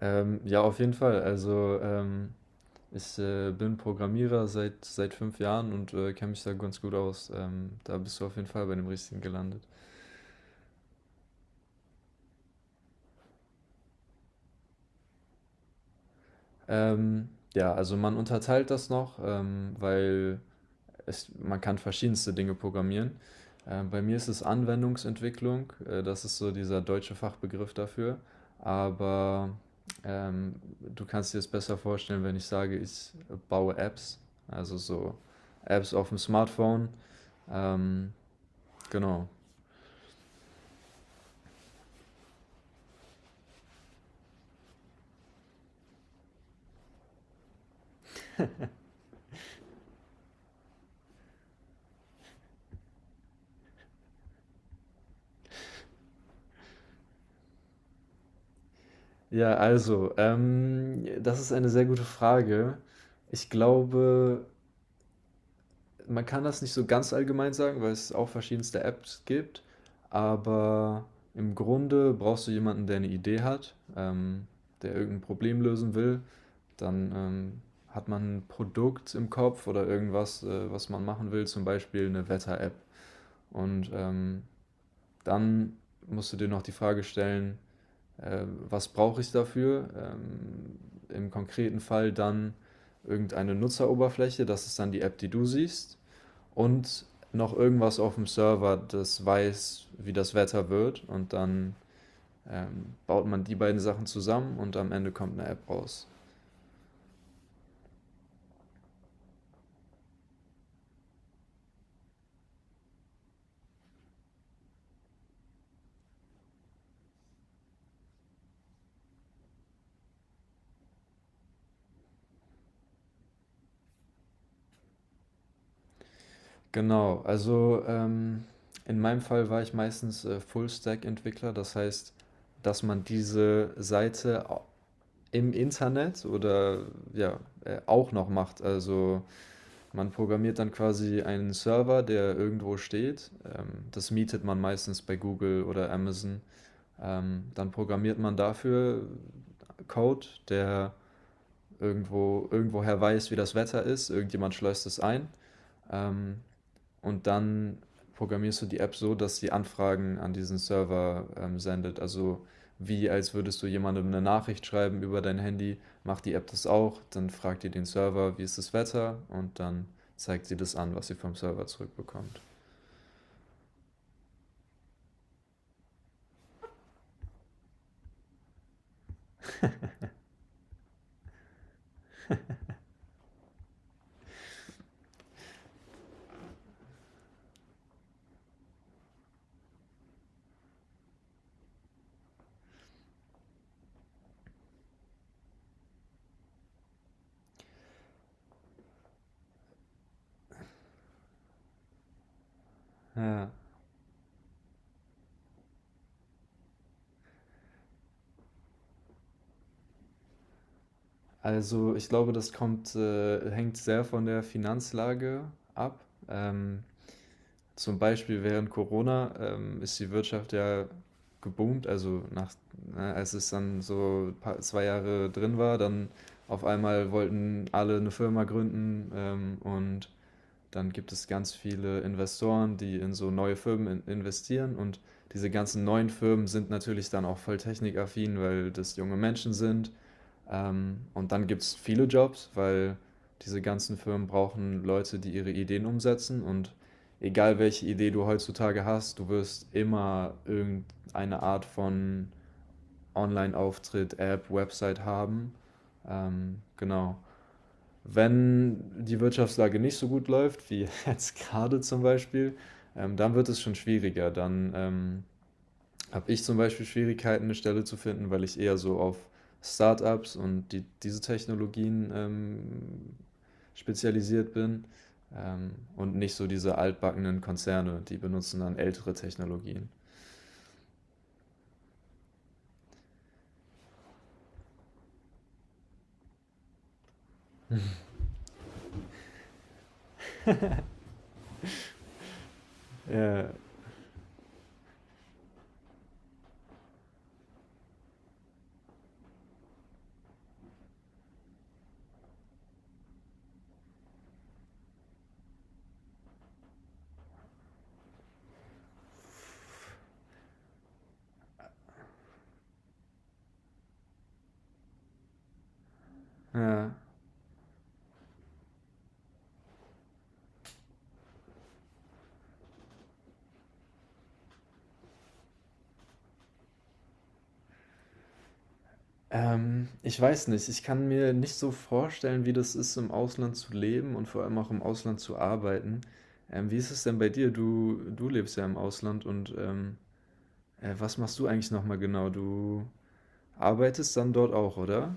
Ja, auf jeden Fall. Ich bin Programmierer seit 5 Jahren und kenne mich da ganz gut aus. Da bist du auf jeden Fall bei dem Richtigen gelandet. Ja, also man unterteilt das noch, man kann verschiedenste Dinge programmieren. Bei mir ist es Anwendungsentwicklung, das ist so dieser deutsche Fachbegriff dafür. Aber ähm, du kannst dir es besser vorstellen, wenn ich sage, ich baue Apps, also so Apps auf dem Smartphone. Ähm, genau. Ja, also das ist eine sehr gute Frage. Ich glaube, man kann das nicht so ganz allgemein sagen, weil es auch verschiedenste Apps gibt. Aber im Grunde brauchst du jemanden, der eine Idee hat, der irgendein Problem lösen will. Dann hat man ein Produkt im Kopf oder irgendwas, was man machen will, zum Beispiel eine Wetter-App. Und dann musst du dir noch die Frage stellen, was brauche ich dafür? Im konkreten Fall dann irgendeine Nutzeroberfläche, das ist dann die App, die du siehst, und noch irgendwas auf dem Server, das weiß, wie das Wetter wird, und dann baut man die beiden Sachen zusammen, und am Ende kommt eine App raus. Genau, in meinem Fall war ich meistens Full-Stack-Entwickler, das heißt, dass man diese Seite im Internet oder ja, auch noch macht. Also man programmiert dann quasi einen Server, der irgendwo steht. Das mietet man meistens bei Google oder Amazon. Dann programmiert man dafür Code, der irgendwoher weiß, wie das Wetter ist. Irgendjemand schleust es ein. Ähm, und dann programmierst du die App so, dass sie Anfragen an diesen Server sendet. Also wie als würdest du jemandem eine Nachricht schreiben über dein Handy, macht die App das auch, dann fragt ihr den Server, wie ist das Wetter, und dann zeigt sie das an, was sie vom Server zurückbekommt. Ja, also ich glaube, das hängt sehr von der Finanzlage ab. Ähm, Zum Beispiel während Corona, ist die Wirtschaft ja geboomt, also nach, ne, als es dann so pa 2 Jahre drin war, dann auf einmal wollten alle eine Firma gründen, und dann gibt es ganz viele Investoren, die in so neue Firmen in investieren, und diese ganzen neuen Firmen sind natürlich dann auch voll technikaffin, weil das junge Menschen sind. Und dann gibt's viele Jobs, weil diese ganzen Firmen brauchen Leute, die ihre Ideen umsetzen. Und egal welche Idee du heutzutage hast, du wirst immer irgendeine Art von Online-Auftritt, App, Website haben. Genau. Wenn die Wirtschaftslage nicht so gut läuft, wie jetzt gerade zum Beispiel, dann wird es schon schwieriger. Dann habe ich zum Beispiel Schwierigkeiten, eine Stelle zu finden, weil ich eher so auf Startups und diese Technologien spezialisiert bin, und nicht so diese altbackenen Konzerne, die benutzen dann ältere Technologien. Ja, ja. Ich weiß nicht, ich kann mir nicht so vorstellen, wie das ist, im Ausland zu leben und vor allem auch im Ausland zu arbeiten. Wie ist es denn bei dir? Du lebst ja im Ausland, und was machst du eigentlich nochmal genau? Du arbeitest dann dort auch, oder?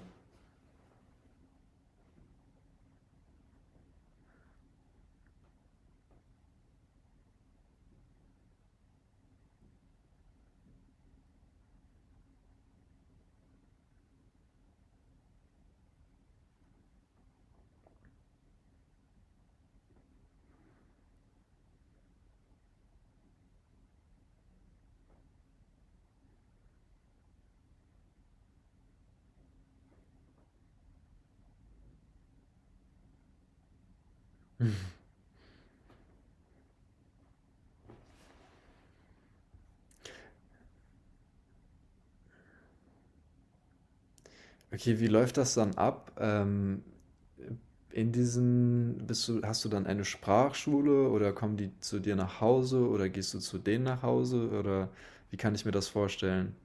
Okay, wie läuft das dann ab? In diesen, bist du, hast du dann eine Sprachschule, oder kommen die zu dir nach Hause, oder gehst du zu denen nach Hause, oder wie kann ich mir das vorstellen?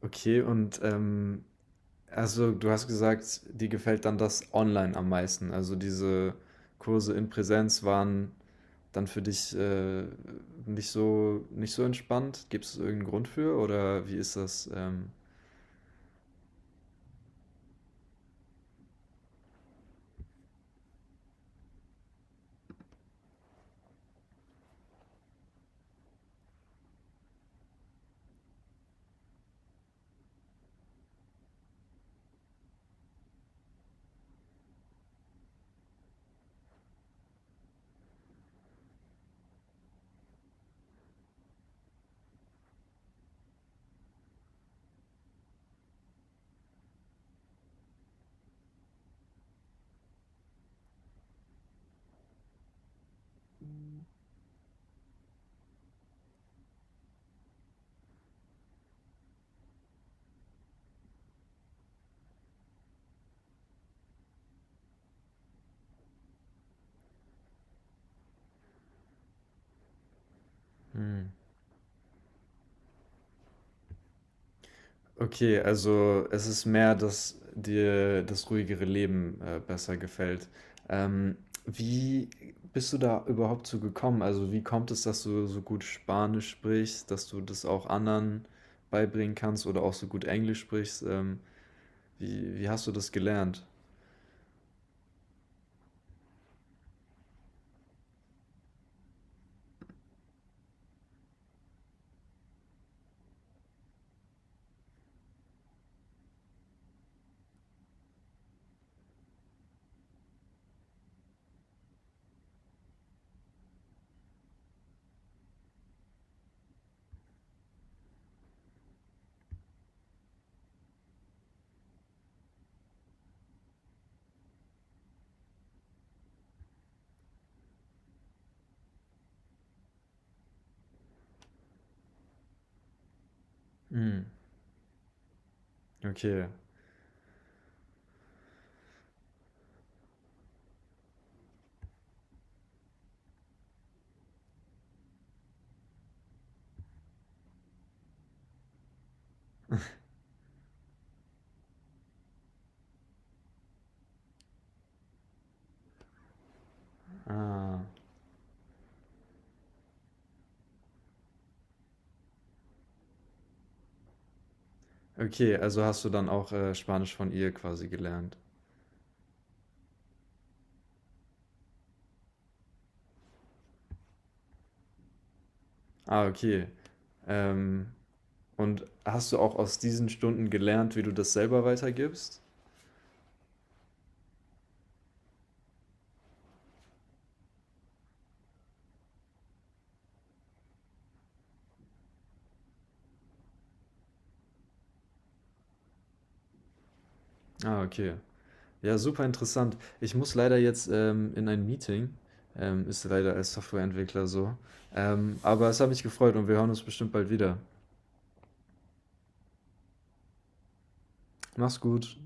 Okay, also du hast gesagt, dir gefällt dann das online am meisten. Also diese Kurse in Präsenz waren dann für dich nicht so entspannt. Gibt es irgendeinen Grund für, oder wie ist das? Hm. Okay, also es ist mehr, dass dir das ruhigere Leben besser gefällt. Ähm, Wie bist du da überhaupt zu gekommen? Also wie kommt es, dass du so gut Spanisch sprichst, dass du das auch anderen beibringen kannst, oder auch so gut Englisch sprichst? Wie hast du das gelernt? Hm, okay. Ah, okay, also hast du dann auch Spanisch von ihr quasi gelernt. Ah, okay. Ähm, und hast du auch aus diesen Stunden gelernt, wie du das selber weitergibst? Ah, okay. Ja, super interessant. Ich muss leider jetzt in ein Meeting. Ist leider als Softwareentwickler so. Aber es hat mich gefreut, und wir hören uns bestimmt bald wieder. Mach's gut.